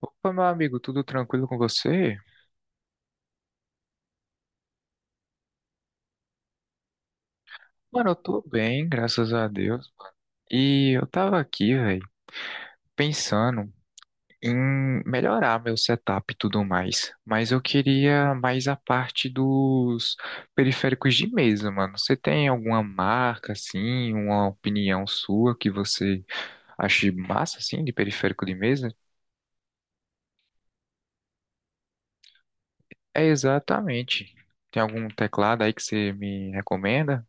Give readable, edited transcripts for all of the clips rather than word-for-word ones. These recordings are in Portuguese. Opa, meu amigo, tudo tranquilo com você? Mano, eu tô bem, graças a Deus. E eu tava aqui, velho, pensando em melhorar meu setup e tudo mais. Mas eu queria mais a parte dos periféricos de mesa, mano. Você tem alguma marca, assim, uma opinião sua que você ache massa, assim, de periférico de mesa? É exatamente. Tem algum teclado aí que você me recomenda?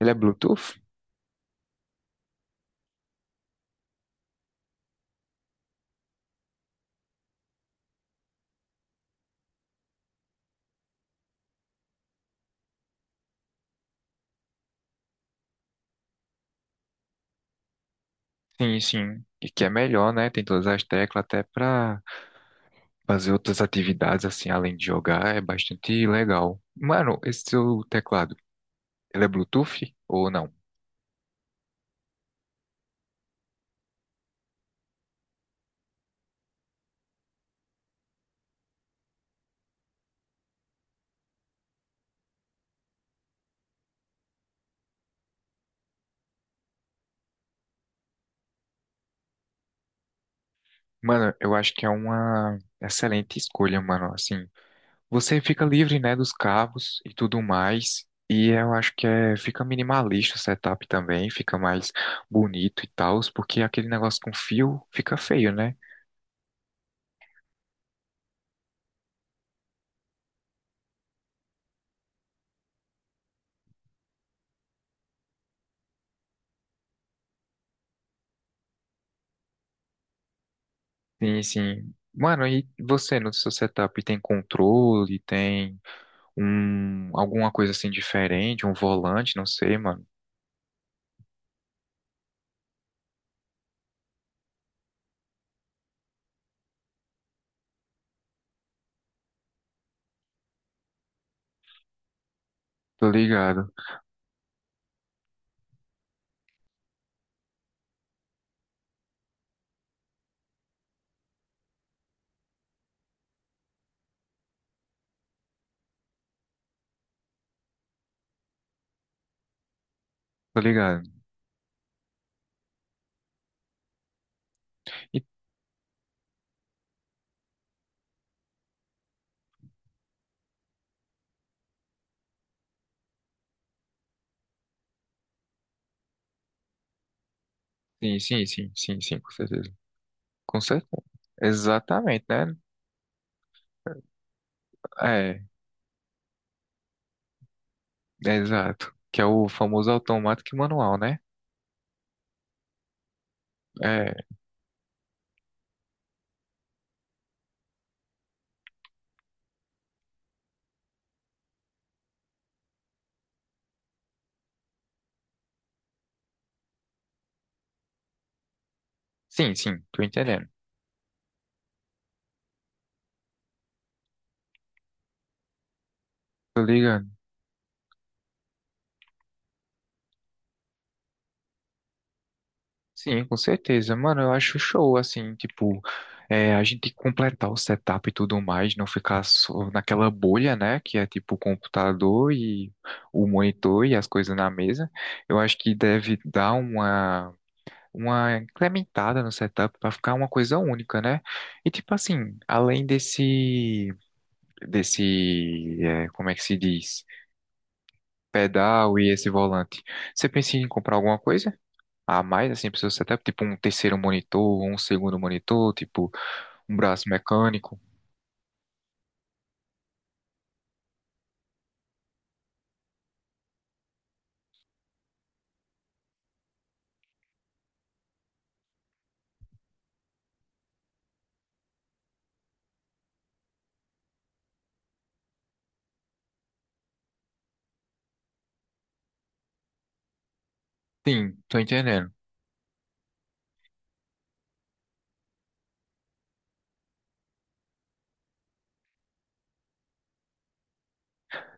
Ele é Bluetooth? Sim, sim. E que é melhor, né? Tem todas as teclas até pra fazer outras atividades assim, além de jogar, é bastante legal. Mano, esse seu teclado, ele é Bluetooth ou não? Mano, eu acho que é uma excelente escolha, mano. Assim, você fica livre, né, dos cabos e tudo mais. E eu acho que é, fica minimalista o setup também, fica mais bonito e tal, porque aquele negócio com fio fica feio, né? Sim, sim. Mano, e você no seu setup tem controle, tem um alguma coisa assim diferente, um volante, não sei, mano. Tô ligado, tô ligado. E- sim, sim, sim, sim, sim, com certeza. Com certeza. Exatamente, né? É, é exato. Que é o famoso automático e manual, né? É, sim, sim, tô entendendo. Tô ligado. Sim, com certeza. Mano, eu acho show, assim, tipo, é, a gente completar o setup e tudo mais, não ficar só naquela bolha, né? Que é tipo o computador e o monitor e as coisas na mesa. Eu acho que deve dar uma incrementada no setup para ficar uma coisa única, né? E tipo assim, além desse, desse, é, como é que se diz? Pedal e esse volante. Você pensa em comprar alguma coisa? A mais, assim, pro seu setup, tipo um terceiro monitor, ou um segundo monitor, tipo um braço mecânico. Sim, tô entendendo.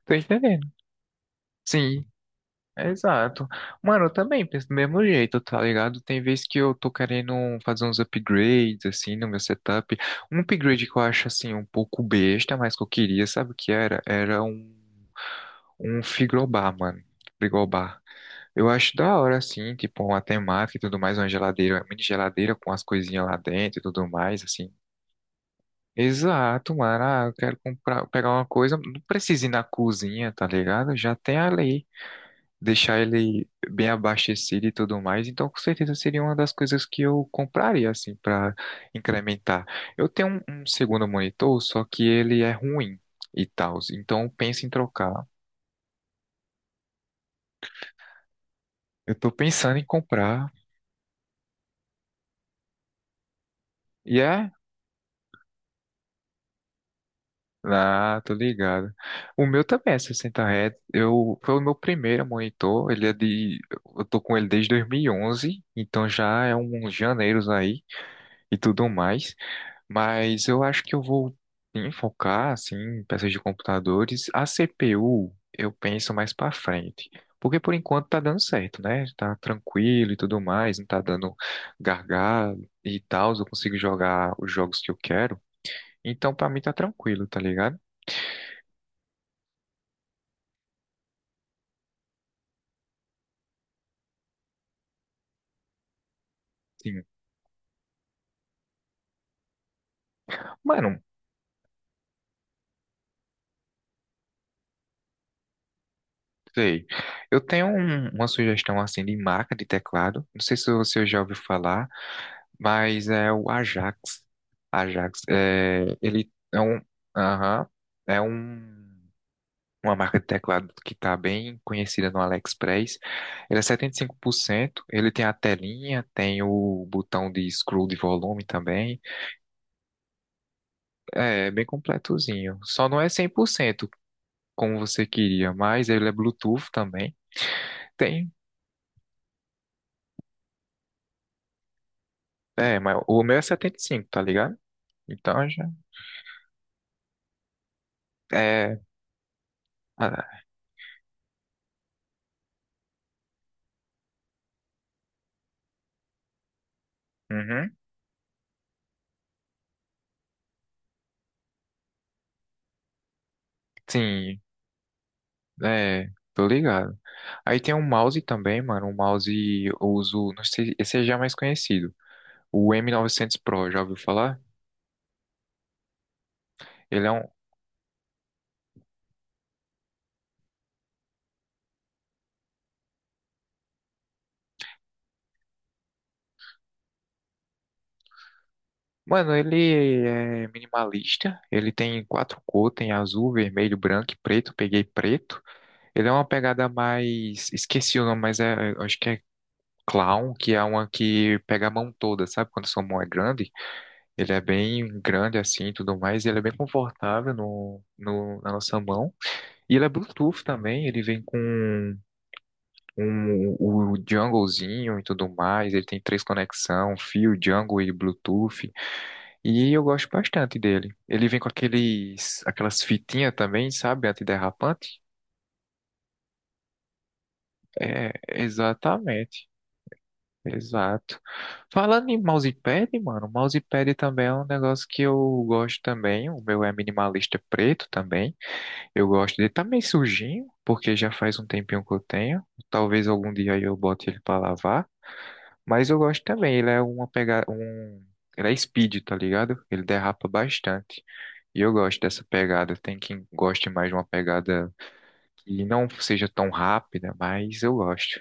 Tô entendendo. Sim, exato. Mano, eu também penso do mesmo jeito, tá ligado? Tem vezes que eu tô querendo um, fazer uns upgrades, assim, no meu setup. Um upgrade que eu acho, assim, um pouco besta, mas que eu queria, sabe o que era? Era um, um frigobar, mano. Frigobar. Eu acho da hora, assim, tipo, uma temática e tudo mais, uma geladeira, uma mini geladeira com as coisinhas lá dentro e tudo mais, assim. Exato, mano. Ah, eu quero comprar, pegar uma coisa, não precisa ir na cozinha, tá ligado? Já tem ali, deixar ele bem abastecido e tudo mais. Então, com certeza seria uma das coisas que eu compraria assim para incrementar. Eu tenho um, um segundo monitor, só que ele é ruim e tal. Então, eu penso em trocar. Eu tô pensando em comprar e é. Ah, tô ligado. O meu também é 60 Hz. Eu, foi o meu primeiro monitor. Ele é de. Eu tô com ele desde 2011. Então já é uns janeiros aí e tudo mais. Mas eu acho que eu vou sim, focar assim, em peças de computadores. A CPU eu penso mais pra frente. Porque por enquanto tá dando certo, né? Tá tranquilo e tudo mais, não tá dando gargalo e tal. Eu consigo jogar os jogos que eu quero. Então pra mim tá tranquilo, tá ligado? Sim. Mano, sei. Eu tenho um- uma sugestão assim de marca de teclado. Não sei se você já ouviu falar. Mas é o Ajax. Ajax, é, ele é um, aham, é um, uma marca de teclado que está bem conhecida no AliExpress. Ele é 75%, ele tem a telinha, tem o botão de scroll de volume também. É, é bem completozinho. Só não é 100% como você queria, mas ele é Bluetooth também. Tem, é, mas o meu é 75, tá ligado? Então já é, ah, uhum, sim, é, tô ligado. Aí tem um mouse também, mano. Um mouse eu uso, não sei, esse é já é mais conhecido. O M900 Pro, já ouviu falar? Ele é um, mano, ele é minimalista. Ele tem quatro cores, tem azul, vermelho, branco e preto. Peguei preto. Ele é uma pegada mais, esqueci o nome, mas é, eu acho que é Clown, que é uma que pega a mão toda, sabe? Quando sua mão é grande, ele é bem grande assim, e tudo mais. Ele é bem confortável no, no, na nossa mão. E ele é Bluetooth também, ele vem com um, o junglezinho e tudo mais, ele tem três conexões, fio, jungle e Bluetooth. E eu gosto bastante dele. Ele vem com aqueles, aquelas fitinhas também, sabe, antiderrapante? É, exatamente, exato. Falando em mousepad, mano, mousepad também é um negócio que eu gosto também, o meu é minimalista preto também. Eu gosto dele. Tá meio sujinho, porque já faz um tempinho que eu tenho. Talvez algum dia aí eu bote ele pra lavar. Mas eu gosto também. Ele é uma pegada. Um... Ele é speed, tá ligado? Ele derrapa bastante. E eu gosto dessa pegada. Tem quem goste mais de uma pegada que não seja tão rápida, mas eu gosto.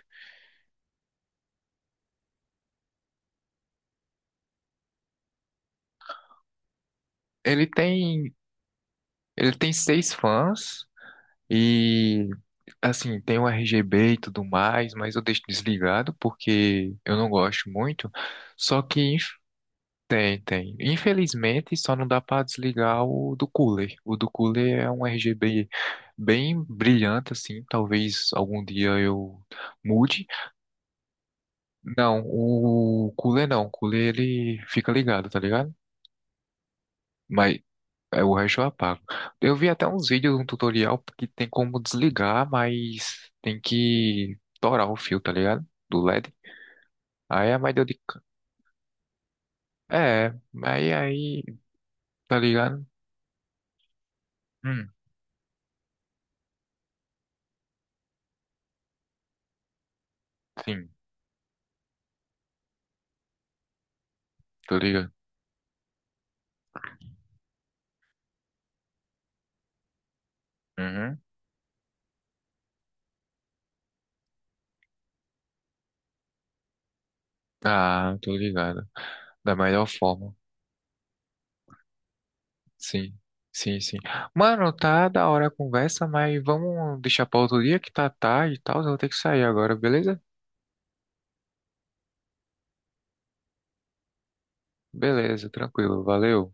Ele tem. Ele tem seis fãs. E. Assim, tem o RGB e tudo mais, mas eu deixo desligado porque eu não gosto muito. Só que, tem, tem. Infelizmente, só não dá para desligar o do cooler. O do cooler é um RGB bem brilhante, assim. Talvez algum dia eu mude. Não, o cooler não. O cooler ele fica ligado, tá ligado? Mas é, o resto eu apago. Eu vi até uns vídeos, um tutorial que tem como desligar, mas tem que torar o fio, tá ligado? Do LED. Aí é mais deu de. C- É, aí, aí, tá ligado? Hum, sim, tô ligado. Uhum. Ah, tô ligado. Da melhor forma. Sim, sim, sim. Mano, tá da hora a conversa, mas vamos deixar pra outro dia que tá tarde e tal. Eu vou ter que sair agora, beleza? Beleza, tranquilo. Valeu.